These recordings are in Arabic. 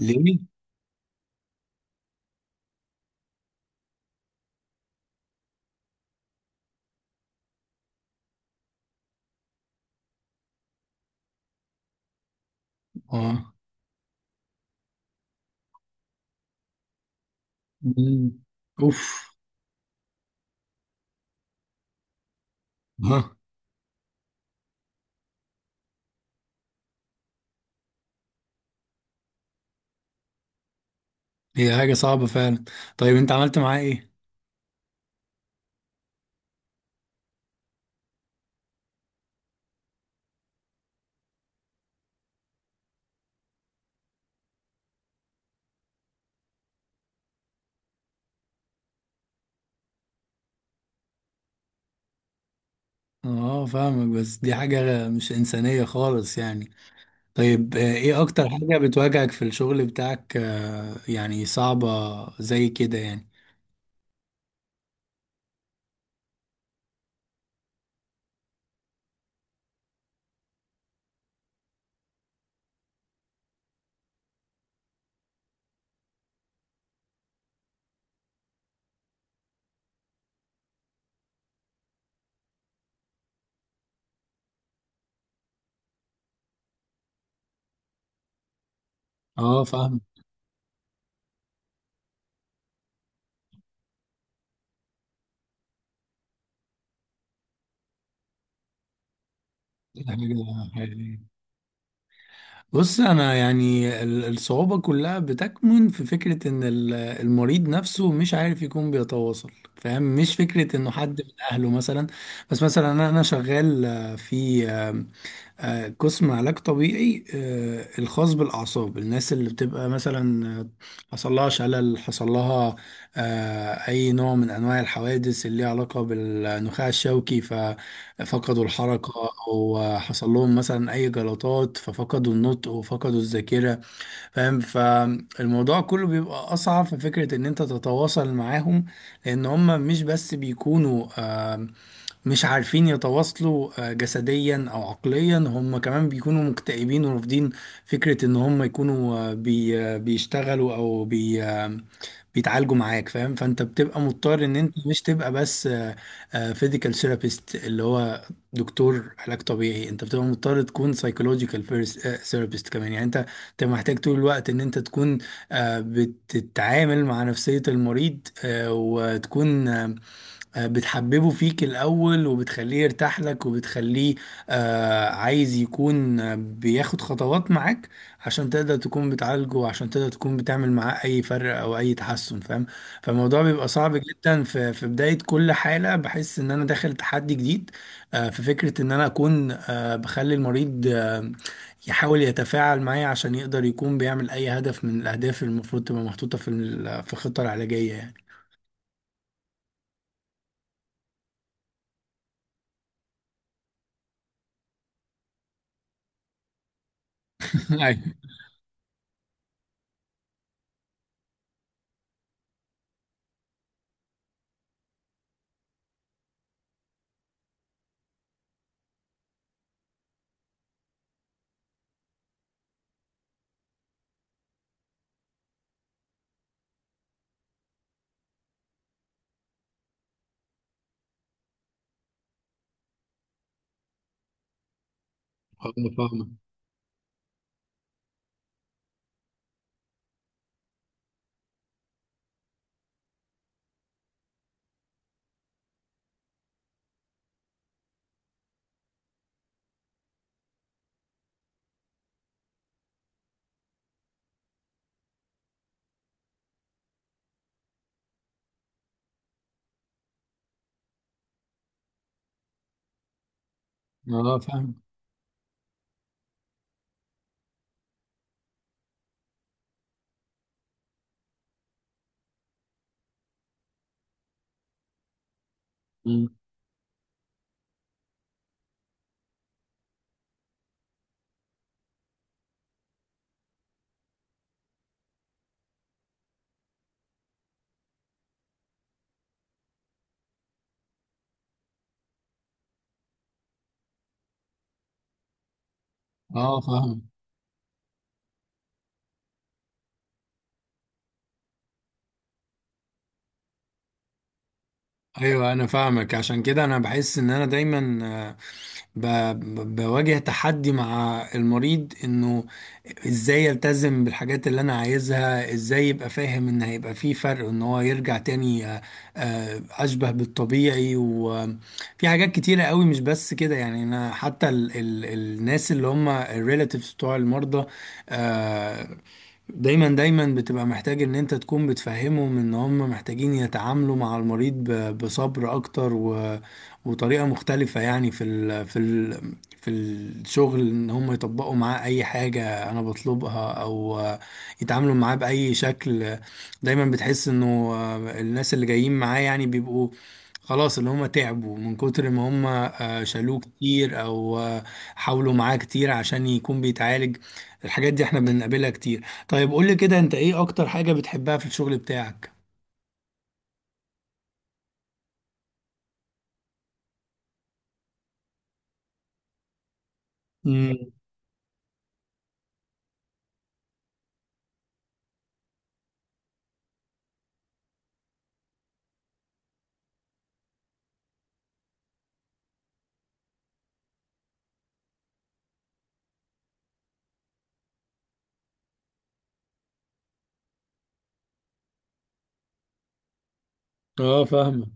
ليه؟ اه. مم. اوف. ها. هي حاجة صعبة فعلا. طيب انت عملت معاه ايه؟ اه، فاهمك، بس دي حاجة مش انسانية خالص يعني. طيب ايه اكتر حاجة بتواجهك في الشغل بتاعك، يعني صعبة زي كده يعني؟ اه فاهم. حاجة حاجة حقيقية. بص، انا يعني الصعوبة كلها بتكمن في فكرة ان المريض نفسه مش عارف يكون بيتواصل، فاهم؟ مش فكرة انه حد من اهله مثلا. بس مثلا أنا شغال في قسم علاج طبيعي الخاص بالأعصاب. الناس اللي بتبقى مثلا حصل لها شلل، حصل لها أي نوع من أنواع الحوادث اللي ليها علاقة بالنخاع الشوكي ففقدوا الحركة. أو حصل لهم مثلا أي جلطات ففقدوا النطق وفقدوا الذاكرة، فاهم؟ فالموضوع كله بيبقى أصعب في فكرة إن أنت تتواصل معاهم، لأن هم مش بس بيكونوا مش عارفين يتواصلوا جسديا او عقليا، هم كمان بيكونوا مكتئبين ورافضين فكرة ان هم يكونوا آه، بي آه، بيشتغلوا او بي آه، بيتعالجوا معاك، فاهم؟ فانت بتبقى مضطر ان انت مش تبقى بس فيزيكال ثيرابيست اللي هو دكتور علاج طبيعي. انت بتبقى مضطر تكون سايكولوجيكال ثيرابيست كمان يعني. انت محتاج طول الوقت ان انت تكون بتتعامل مع نفسية المريض، وتكون بتحببه فيك الأول وبتخليه يرتاح لك وبتخليه عايز يكون بياخد خطوات معاك، عشان تقدر تكون بتعالجه وعشان تقدر تكون بتعمل معاه أي فرق أو أي تحسن، فاهم؟ فالموضوع بيبقى صعب جدا. في بداية كل حالة بحس إن أنا داخل تحدي جديد، في فكرة إن أنا أكون بخلي المريض يحاول يتفاعل معايا عشان يقدر يكون بيعمل أي هدف من الأهداف اللي المفروض تبقى محطوطة في في الخطة العلاجية يعني. أيوة. أنا فاهمك. اه فاهم. مم. اه فاهم. ايوه انا فاهمك. عشان كده انا بحس ان انا دايما ب... بواجه تحدي مع المريض، انه ازاي يلتزم بالحاجات اللي انا عايزها، ازاي يبقى فاهم ان هيبقى في فرق ان هو يرجع تاني اشبه بالطبيعي. وفي حاجات كتيرة قوي مش بس كده يعني. انا حتى الناس اللي هم الريلاتيفز بتوع المرضى آه، دايما دايما بتبقى محتاج ان انت تكون بتفهمهم ان هم محتاجين يتعاملوا مع المريض بصبر اكتر وطريقة مختلفة، يعني في الشغل ان هم يطبقوا معاه اي حاجة انا بطلبها او يتعاملوا معاه بأي شكل. دايما بتحس انه الناس اللي جايين معاه يعني بيبقوا خلاص، اللي هم تعبوا من كتر ما هم شالوه كتير او حاولوا معاه كتير عشان يكون بيتعالج. الحاجات دي احنا بنقابلها كتير. طيب قول لي كده، انت ايه اكتر حاجة بتحبها في الشغل بتاعك؟ امم. اه فاهمه.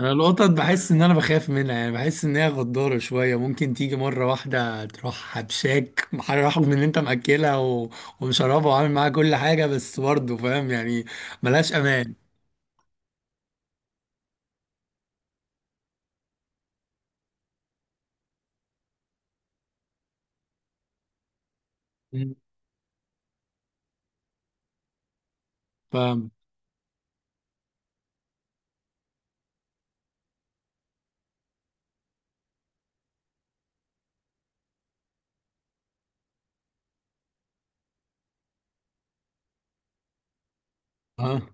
انا القطط بحس ان انا بخاف منها يعني، بحس ان هي غدارة شوية، ممكن تيجي مرة واحدة تروح حبشاك رغم ان انت مأكلها ومشربها وعامل معاها كل حاجة، بس برضه فاهم يعني، ملهاش امان. مم. فاهم.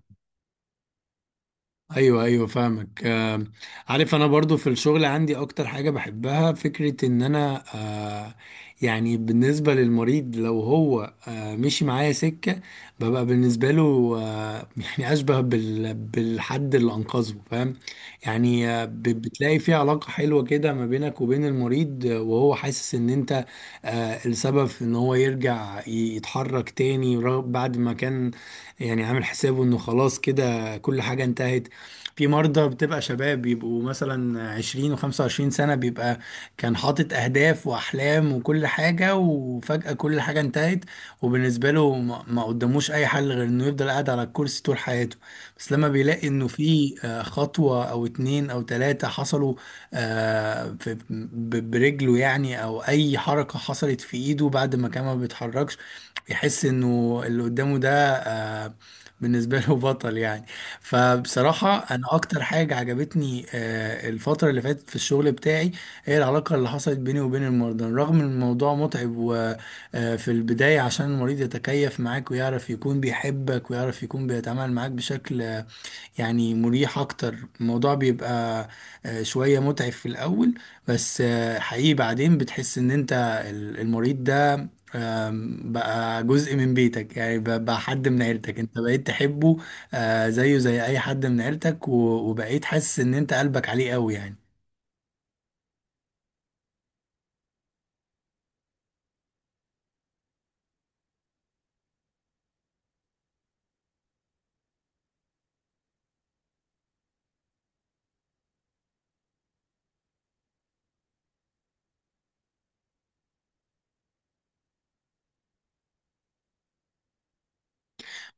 ايوه ايوه فاهمك. عارف انا برضو في الشغل عندي اكتر حاجة بحبها فكرة ان انا، يعني بالنسبة للمريض لو هو مشي معايا سكة، ببقى بالنسبة له يعني اشبه بالحد اللي انقذه، فاهم؟ يعني بتلاقي في علاقة حلوة كده ما بينك وبين المريض، وهو حاسس ان انت السبب في ان هو يرجع يتحرك تاني، بعد ما كان يعني عامل حسابه انه خلاص كده كل حاجة انتهت. في مرضى بتبقى شباب، بيبقوا مثلا 20 و25 سنة، بيبقى كان حاطط أهداف وأحلام وكل حاجة وفجأة كل حاجة انتهت. وبالنسبة له ما قدموش أي حل غير إنه يفضل قاعد على الكرسي طول حياته. بس لما بيلاقي إنه في خطوة أو اتنين أو تلاتة حصلوا برجله يعني، أو أي حركة حصلت في إيده بعد ما كان ما بيتحركش، يحس إنه اللي قدامه ده بالنسبة له بطل يعني. فبصراحة أنا أكتر حاجة عجبتني الفترة اللي فاتت في الشغل بتاعي هي العلاقة اللي حصلت بيني وبين المرضى، رغم إن الموضوع متعب. وفي البداية عشان المريض يتكيف معاك ويعرف يكون بيحبك ويعرف يكون بيتعامل معاك بشكل يعني مريح أكتر، الموضوع بيبقى شوية متعب في الأول، بس حقيقي بعدين بتحس إن أنت المريض ده بقى جزء من بيتك يعني، بقى حد من عيلتك انت بقيت تحبه، زيه زي اي حد من عيلتك وبقيت حاسس ان انت قلبك عليه قوي يعني.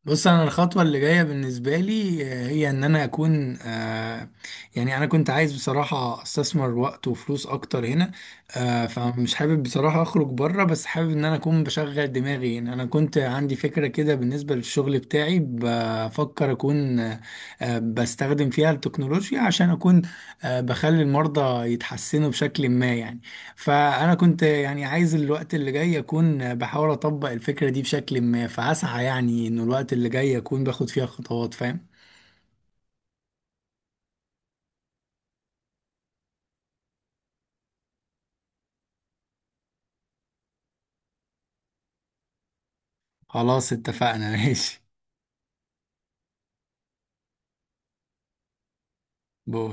بص، انا الخطوه اللي جايه بالنسبه لي هي ان انا اكون، يعني انا كنت عايز بصراحه استثمر وقت وفلوس اكتر هنا، فمش حابب بصراحه اخرج بره، بس حابب ان انا اكون بشغل دماغي هنا. انا كنت عندي فكره كده بالنسبه للشغل بتاعي، بفكر اكون بستخدم فيها التكنولوجيا عشان اكون بخلي المرضى يتحسنوا بشكل ما يعني. فأنا كنت يعني عايز الوقت اللي جاي أكون بحاول أطبق الفكرة دي بشكل ما، فأسعى يعني إنه الوقت اللي جاي أكون باخد فيها خطوات، فاهم؟ خلاص، اتفقنا. ماشي. بو.